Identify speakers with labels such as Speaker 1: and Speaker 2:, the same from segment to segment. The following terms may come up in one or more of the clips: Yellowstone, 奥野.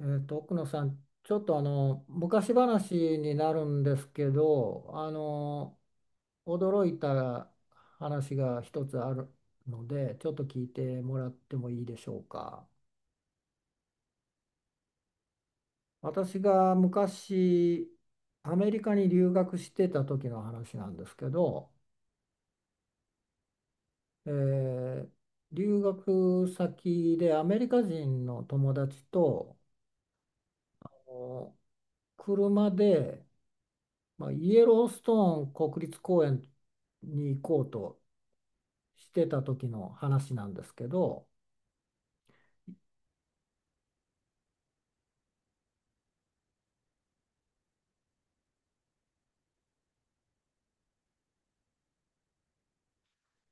Speaker 1: 奥野さん、ちょっと昔話になるんですけど、驚いた話が一つあるので、ちょっと聞いてもらってもいいでしょうか。私が昔アメリカに留学してた時の話なんですけど、えー留学先でアメリカ人の友達とお車で、まあ、イエローストーン国立公園に行こうとしてた時の話なんですけど、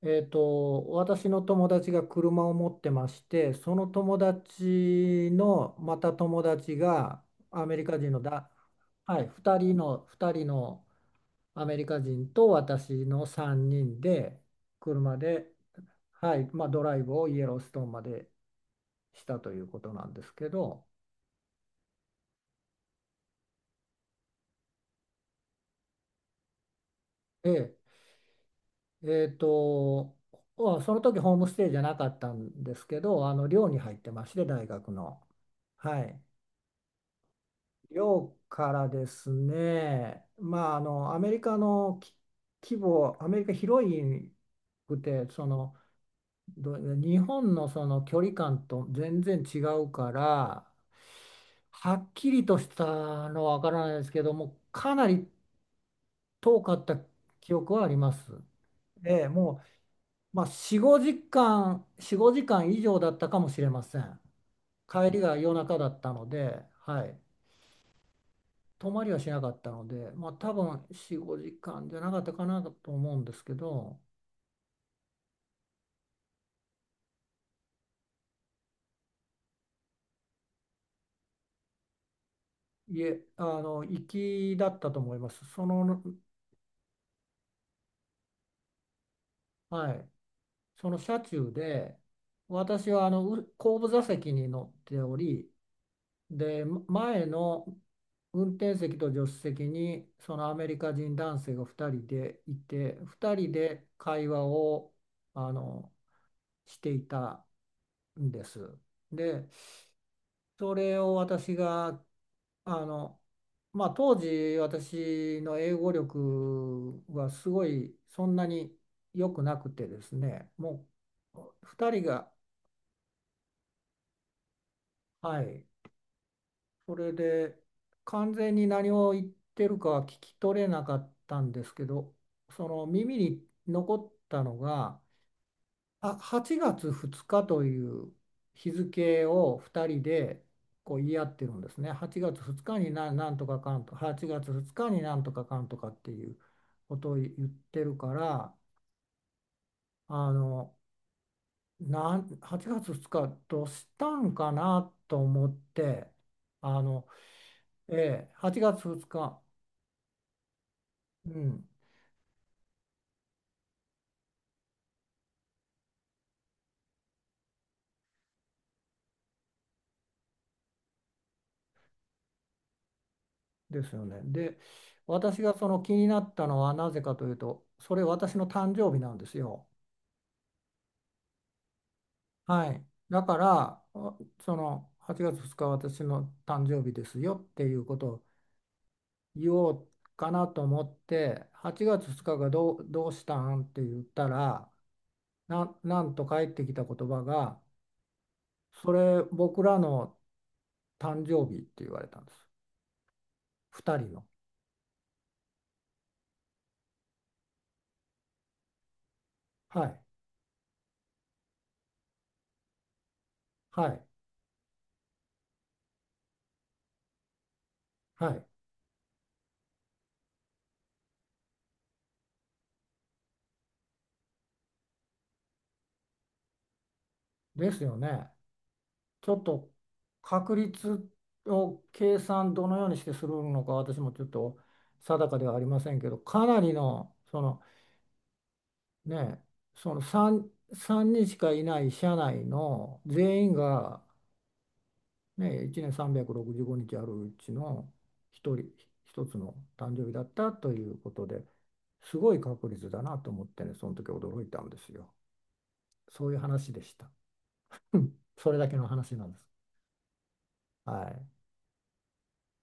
Speaker 1: 私の友達が車を持ってまして、その友達のまた友達がアメリカ人のだ、はい、2人のアメリカ人と私の3人で車で、はい、まあ、ドライブをイエローストーンまでしたということなんですけど。えええっと、その時ホームステイじゃなかったんですけど、寮に入ってまして、大学の。はい。寮からですね、まあ、あの、アメリカのき規模、アメリカ広いくて、日本のその距離感と全然違うから、はっきりとしたのはわからないですけども、かなり遠かった記憶はあります。ええ、もう、まあ、4、5時間以上だったかもしれません。帰りが夜中だったので、はい。泊まりはしなかったので、まあ、多分4、5時間じゃなかったかなと思うんですけど。いえ、行きだったと思います。はい。その車中で、私は後部座席に乗っており、で、前の運転席と助手席にそのアメリカ人男性が2人でいて、2人で会話をあのしていたんです。で、それを私が、あの、まあ、当時私の英語力はすごいそんなに良くなくてですね、もう2人が、はい、それで完全に何を言ってるかは聞き取れなかったんですけど、その耳に残ったのが、8月2日という日付を2人でこう言い合ってるんですね。8月2日にんとかかんと8月2日になんとかかんとかっていうことを言ってるから、あのなん8月2日どうしたんかなと思って、あのええ、8月2日、うん、ですよね。で、私がその気になったのはなぜかというと、それ私の誕生日なんですよ。はい。だから、その8月2日私の誕生日ですよっていうことを言おうかなと思って、8月2日がどう、どうしたんって言ったら、なんと返ってきた言葉が、それ僕らの誕生日って言われたんです。2人の。はい。はい。はい。ですよね。ちょっと確率を計算どのようにしてするのか私もちょっと定かではありませんけど、かなりのその、ね、その3人しかいない社内の全員が、ね、1年365日あるうちの一人一つの誕生日だったということで、すごい確率だなと思ってね、その時驚いたんですよ。そういう話でした。うん、それだけの話なんです。はい。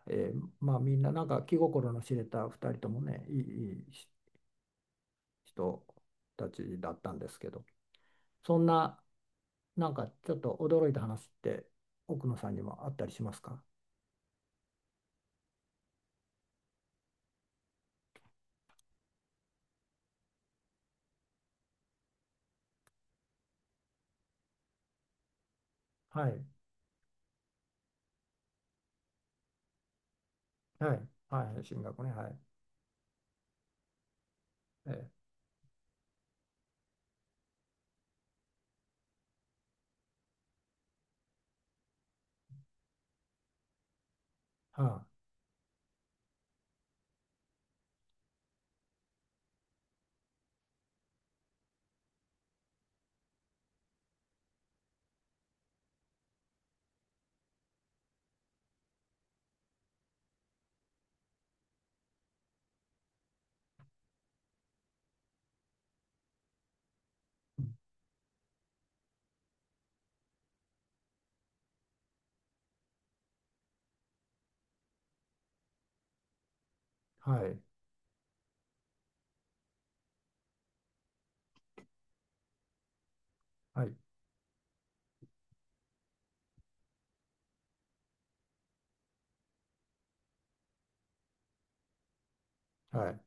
Speaker 1: まあ、みんななんか気心の知れた2人ともね、いい人たちだったんですけど、そんな、なんかちょっと驚いた話って奥野さんにもあったりしますか？はい。はいはい、進学ね、はい。えーはあ、うん、はいはいはい、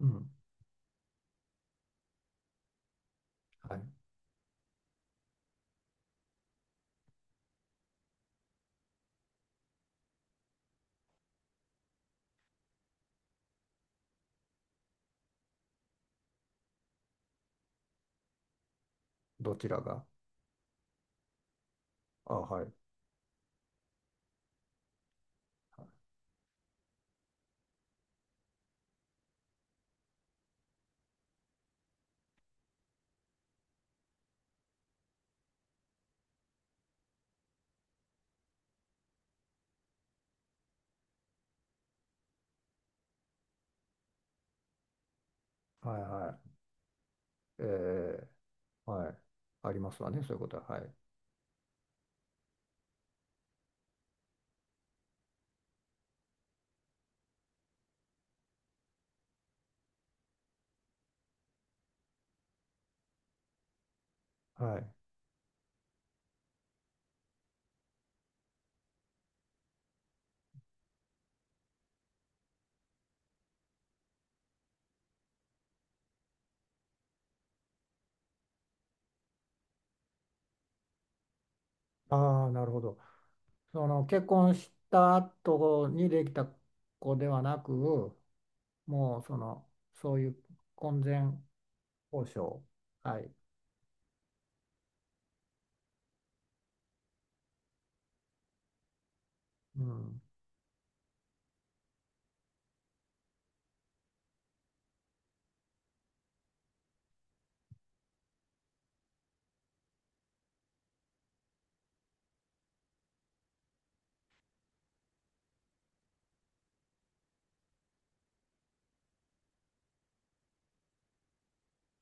Speaker 1: うん、はい。どちらが？あ、はい。はいはい。はい、ありますわね、そういうことは。はい。はい。ああ、ーなるほど。その結婚した後にできた子ではなく、もうその、そういう婚前交渉、はい、うん、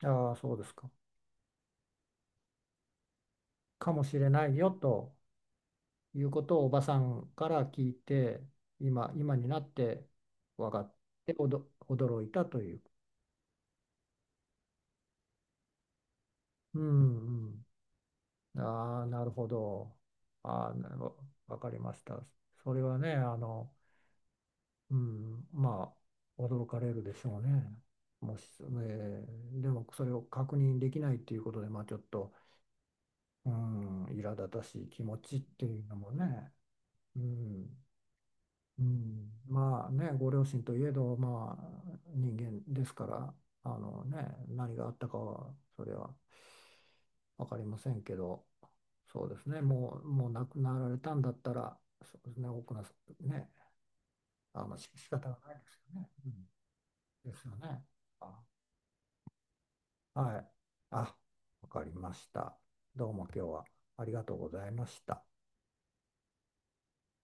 Speaker 1: ああ、そうですか、かもしれないよということをおばさんから聞いて、今、今になって分かって、驚いたという。うん。うん、ああ、なるほど。ああ、なるほど、わかりました。それはね、あの、うん、まあ、驚かれるでしょうね。もし、でもそれを確認できないっていうことで、まあ、ちょっと、うん、苛立たしい気持ちっていうのもね、うん、うん、まあね、ご両親といえど、まあ、人間ですから、あのね、何があったかは、それは分かりませんけど、そうですね、もう亡くなられたんだったら、そうですね、奥の、ね、あの、仕方がないですよね。うん、ですよね。あ、はい。あ、わかりました。どうも今日はありがとうございました。